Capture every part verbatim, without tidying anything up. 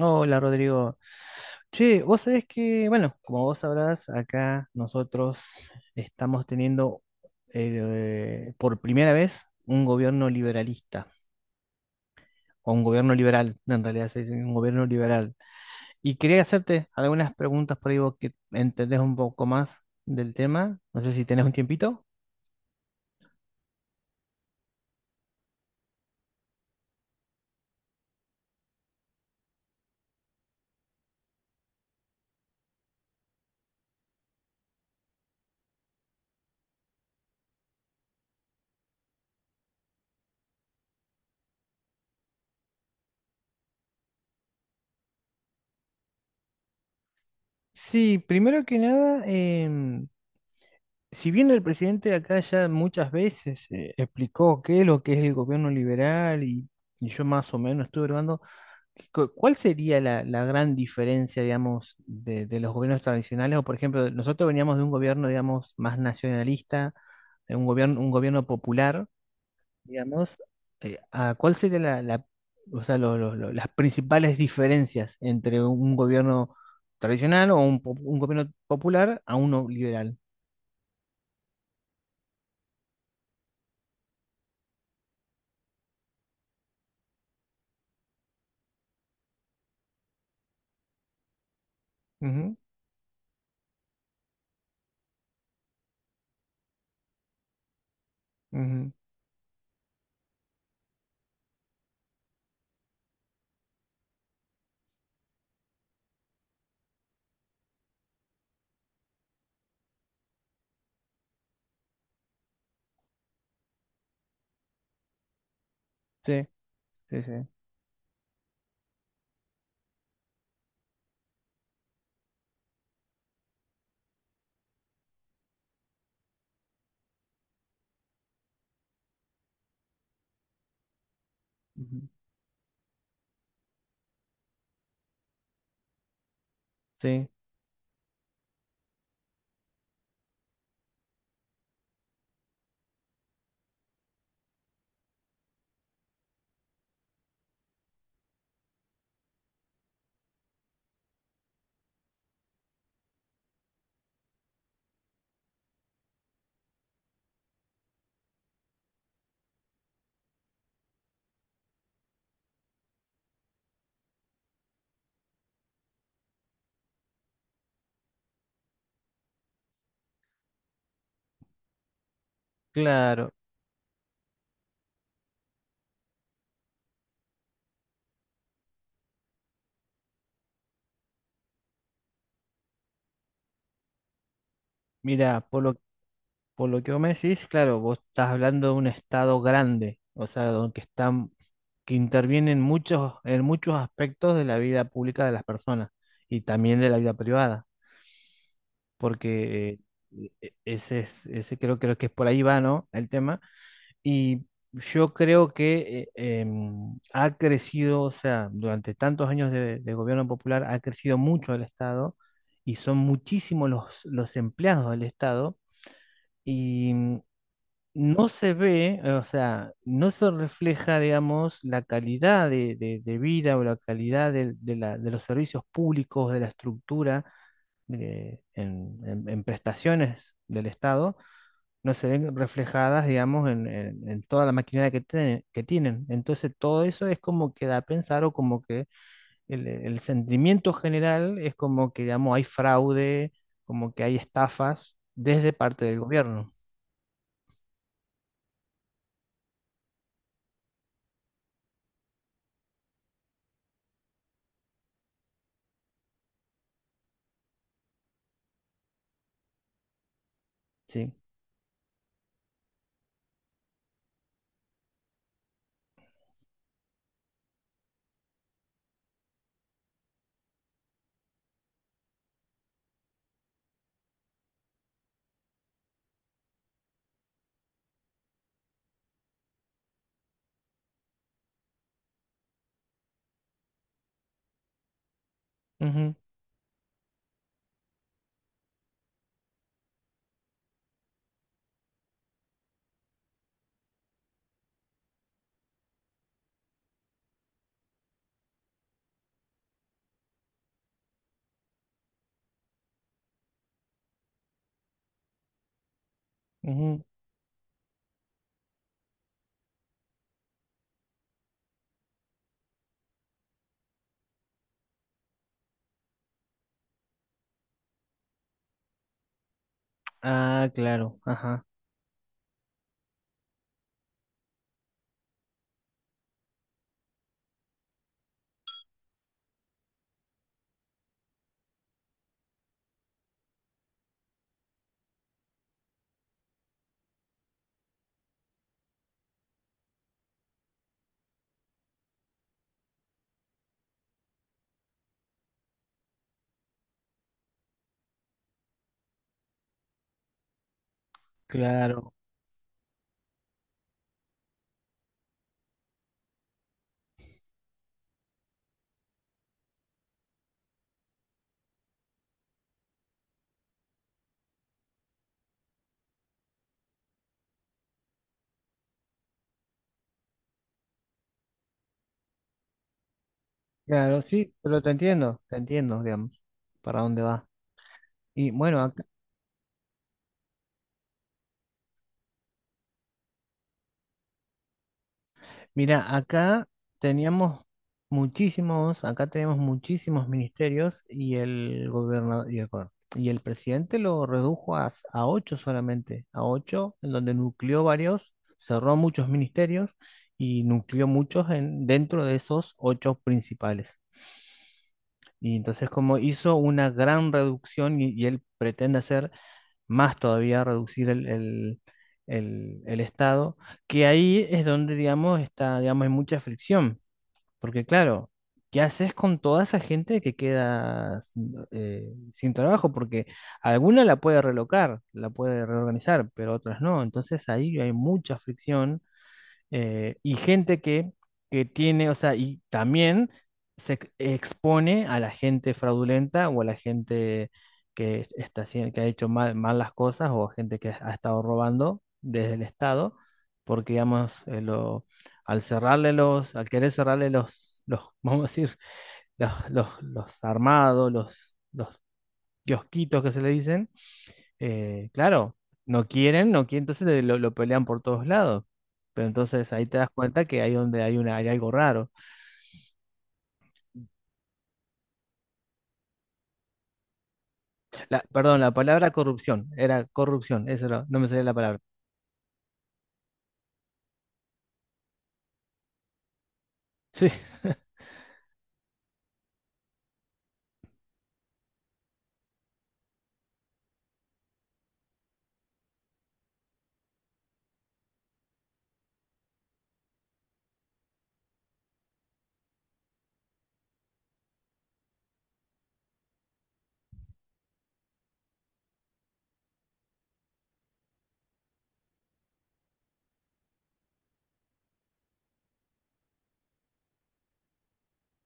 Hola Rodrigo. Che, vos sabés que, bueno, como vos sabrás, acá nosotros estamos teniendo eh, por primera vez un gobierno liberalista, o un gobierno liberal, en realidad se dice un gobierno liberal. Y quería hacerte algunas preguntas por ahí vos que entendés un poco más del tema. No sé si tenés un tiempito. Sí, primero que nada, em, Si bien el presidente de acá ya muchas veces eh, explicó qué es lo que es el gobierno liberal y, y yo más o menos estuve hablando. Cu- ¿cuál sería la, la gran diferencia, digamos, de, de los gobiernos tradicionales? O, por ejemplo, nosotros veníamos de un gobierno, digamos, más nacionalista, de un gobierno, un gobierno popular, digamos. Eh, ¿a ¿cuál sería la, la- o sea, lo- lo- lo- las principales diferencias entre un gobierno tradicional o un, po- un gobierno popular a uno liberal? Ujú, ujú. Sí, sí, sí. Ujú, sí, claro. Mira, por lo, por lo que vos me decís, claro, vos estás hablando de un estado grande, o sea, donde están, que intervienen muchos, en muchos aspectos de la vida pública de las personas y también de la vida privada, porque eh, e- e, ese es, ese creo, creo que es por ahí va, ¿no? El tema. Y yo creo que eh, em, ha crecido, o sea, durante tantos años de, de gobierno popular ha crecido mucho el Estado y son muchísimos los, los empleados del Estado y mm, no se ve, eh, o sea, no se refleja, digamos, la calidad de, de- de vida o la calidad del- de, la- de los servicios públicos, de la estructura, eh, en en- en prestaciones del Estado no se ven reflejadas, digamos, en, en- en toda la maquinaria que, tiene- que tienen. Entonces, todo eso es como que da a pensar o como que el, el sentimiento general es como que, digamos, hay fraude, como que hay estafas desde parte del gobierno. Sí. Ujú, ujú. Ah, claro, ajá, claro, claro, sí, pero te entiendo, te entiendo, digamos, para dónde va. Y bueno, acá Mira, acá teníamos muchísimos, acá tenemos muchísimos ministerios y el gobernador y el, gober- y el presidente lo redujo a, s- a ocho solamente, a ocho, en donde nucleó varios, cerró muchos ministerios y nucleó muchos en, dentro de esos ocho principales. Y entonces como hizo una gran reducción y, y él pretende hacer más todavía reducir el, el- el- el Estado, que ahí es donde, digamos, está, digamos, hay mucha fricción, porque claro, ¿qué haces con toda esa gente que queda sin, eh, sin trabajo? Porque alguna la puede relocar, la puede reorganizar, pero otras no, entonces ahí hay mucha fricción eh, y gente que, que tiene, o sea, y también se ex- expone a la gente fraudulenta o a la gente que está haciendo, que ha hecho mal, mal las cosas o a gente que ha estado robando desde el Estado, porque digamos, eh, lo, al cerrarle los, al querer cerrarle los, los, vamos a decir, los, los, los armados, los, los kiosquitos que se le dicen eh, claro, no quieren, no quieren, entonces le- lo, lo pelean por todos lados. Pero entonces ahí te das cuenta que ahí donde hay una, hay algo raro. La, perdón, la palabra corrupción, era corrupción, eso era- no me salía la palabra. Sí.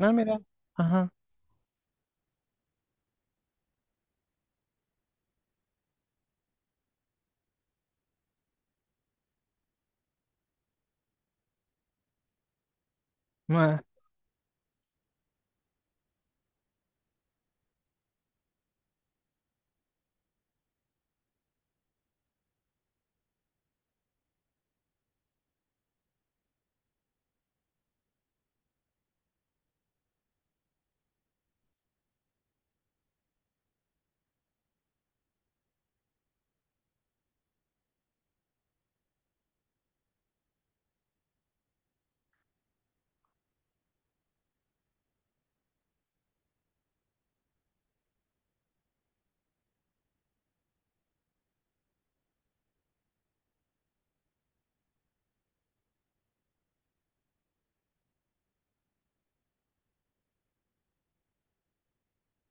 Ah, mira. Ajá. Ah,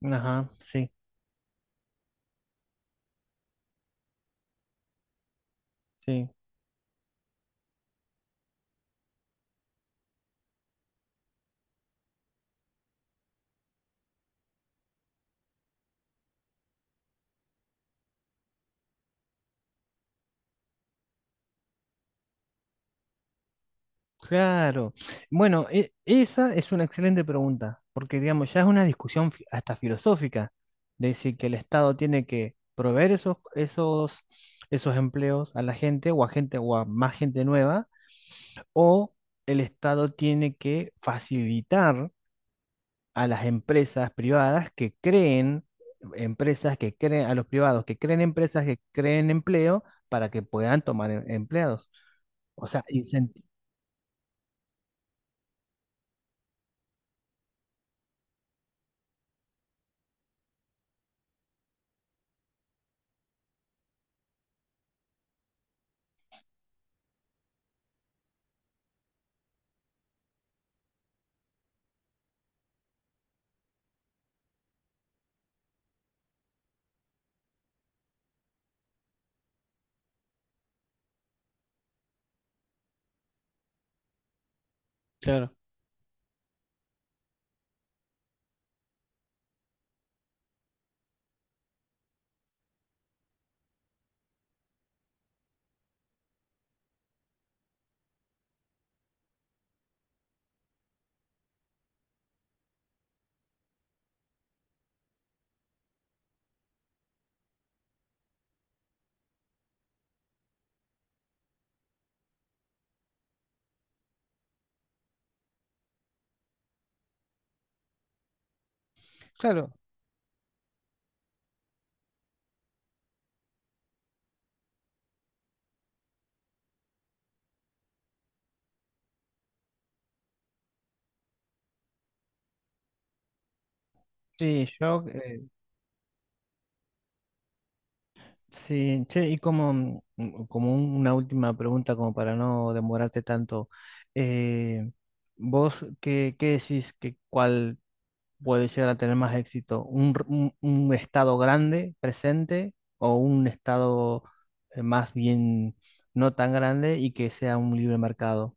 ajá. Sí. Sí. Claro. Bueno, e- esa es una excelente pregunta, porque digamos, ya es una discusión fi- hasta filosófica, de decir que el Estado tiene que proveer esos, esos, esos empleos a la gente o a gente o a más gente nueva o el Estado tiene que facilitar a las empresas privadas que creen empresas que creen, a los privados que creen empresas que creen empleo para que puedan tomar em- empleados. O sea, incenti- claro. Claro, sí, yo eh, sí, che, y como, mm, mm, como un- una última pregunta, como para no demorarte tanto, eh, ¿vos qué, qué, decís que cuál? Puede llegar a tener más éxito. Un, r- un- un estado grande, presente, o un estado eh, más bien no tan grande y que sea un libre mercado.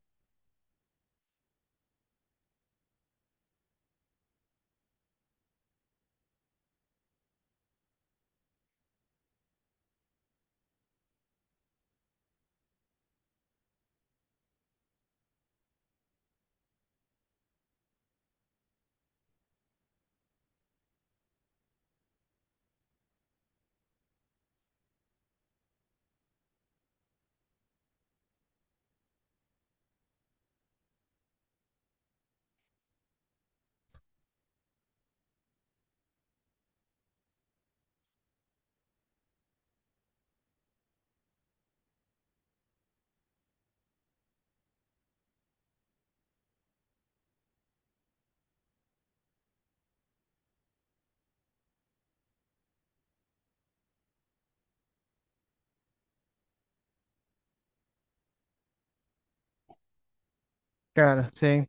Claro, sí.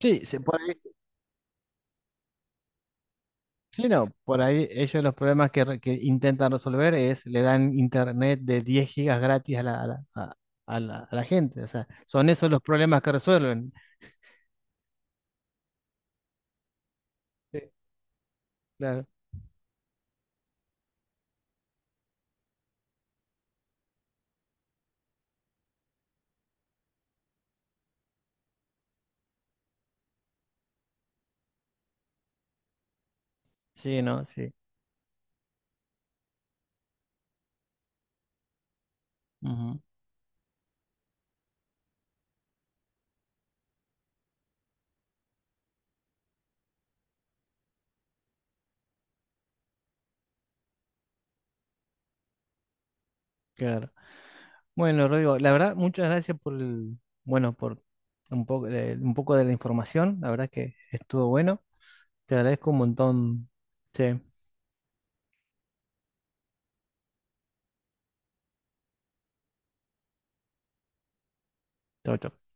Sí, se- por ahí, sí, no, por ahí ellos los problemas que, re- que intentan resolver es le dan internet de diez gigas gratis a la, a la, a- a la, a la gente. O sea, son esos los problemas que resuelven. Sí, claro. Sí, no, sí. Ujú, claro. Bueno, Rodrigo, la verdad, muchas gracias por el, bueno, por un poco de, un poco de la información. La verdad que estuvo bueno. Te agradezco un montón. Sí, chao, chao.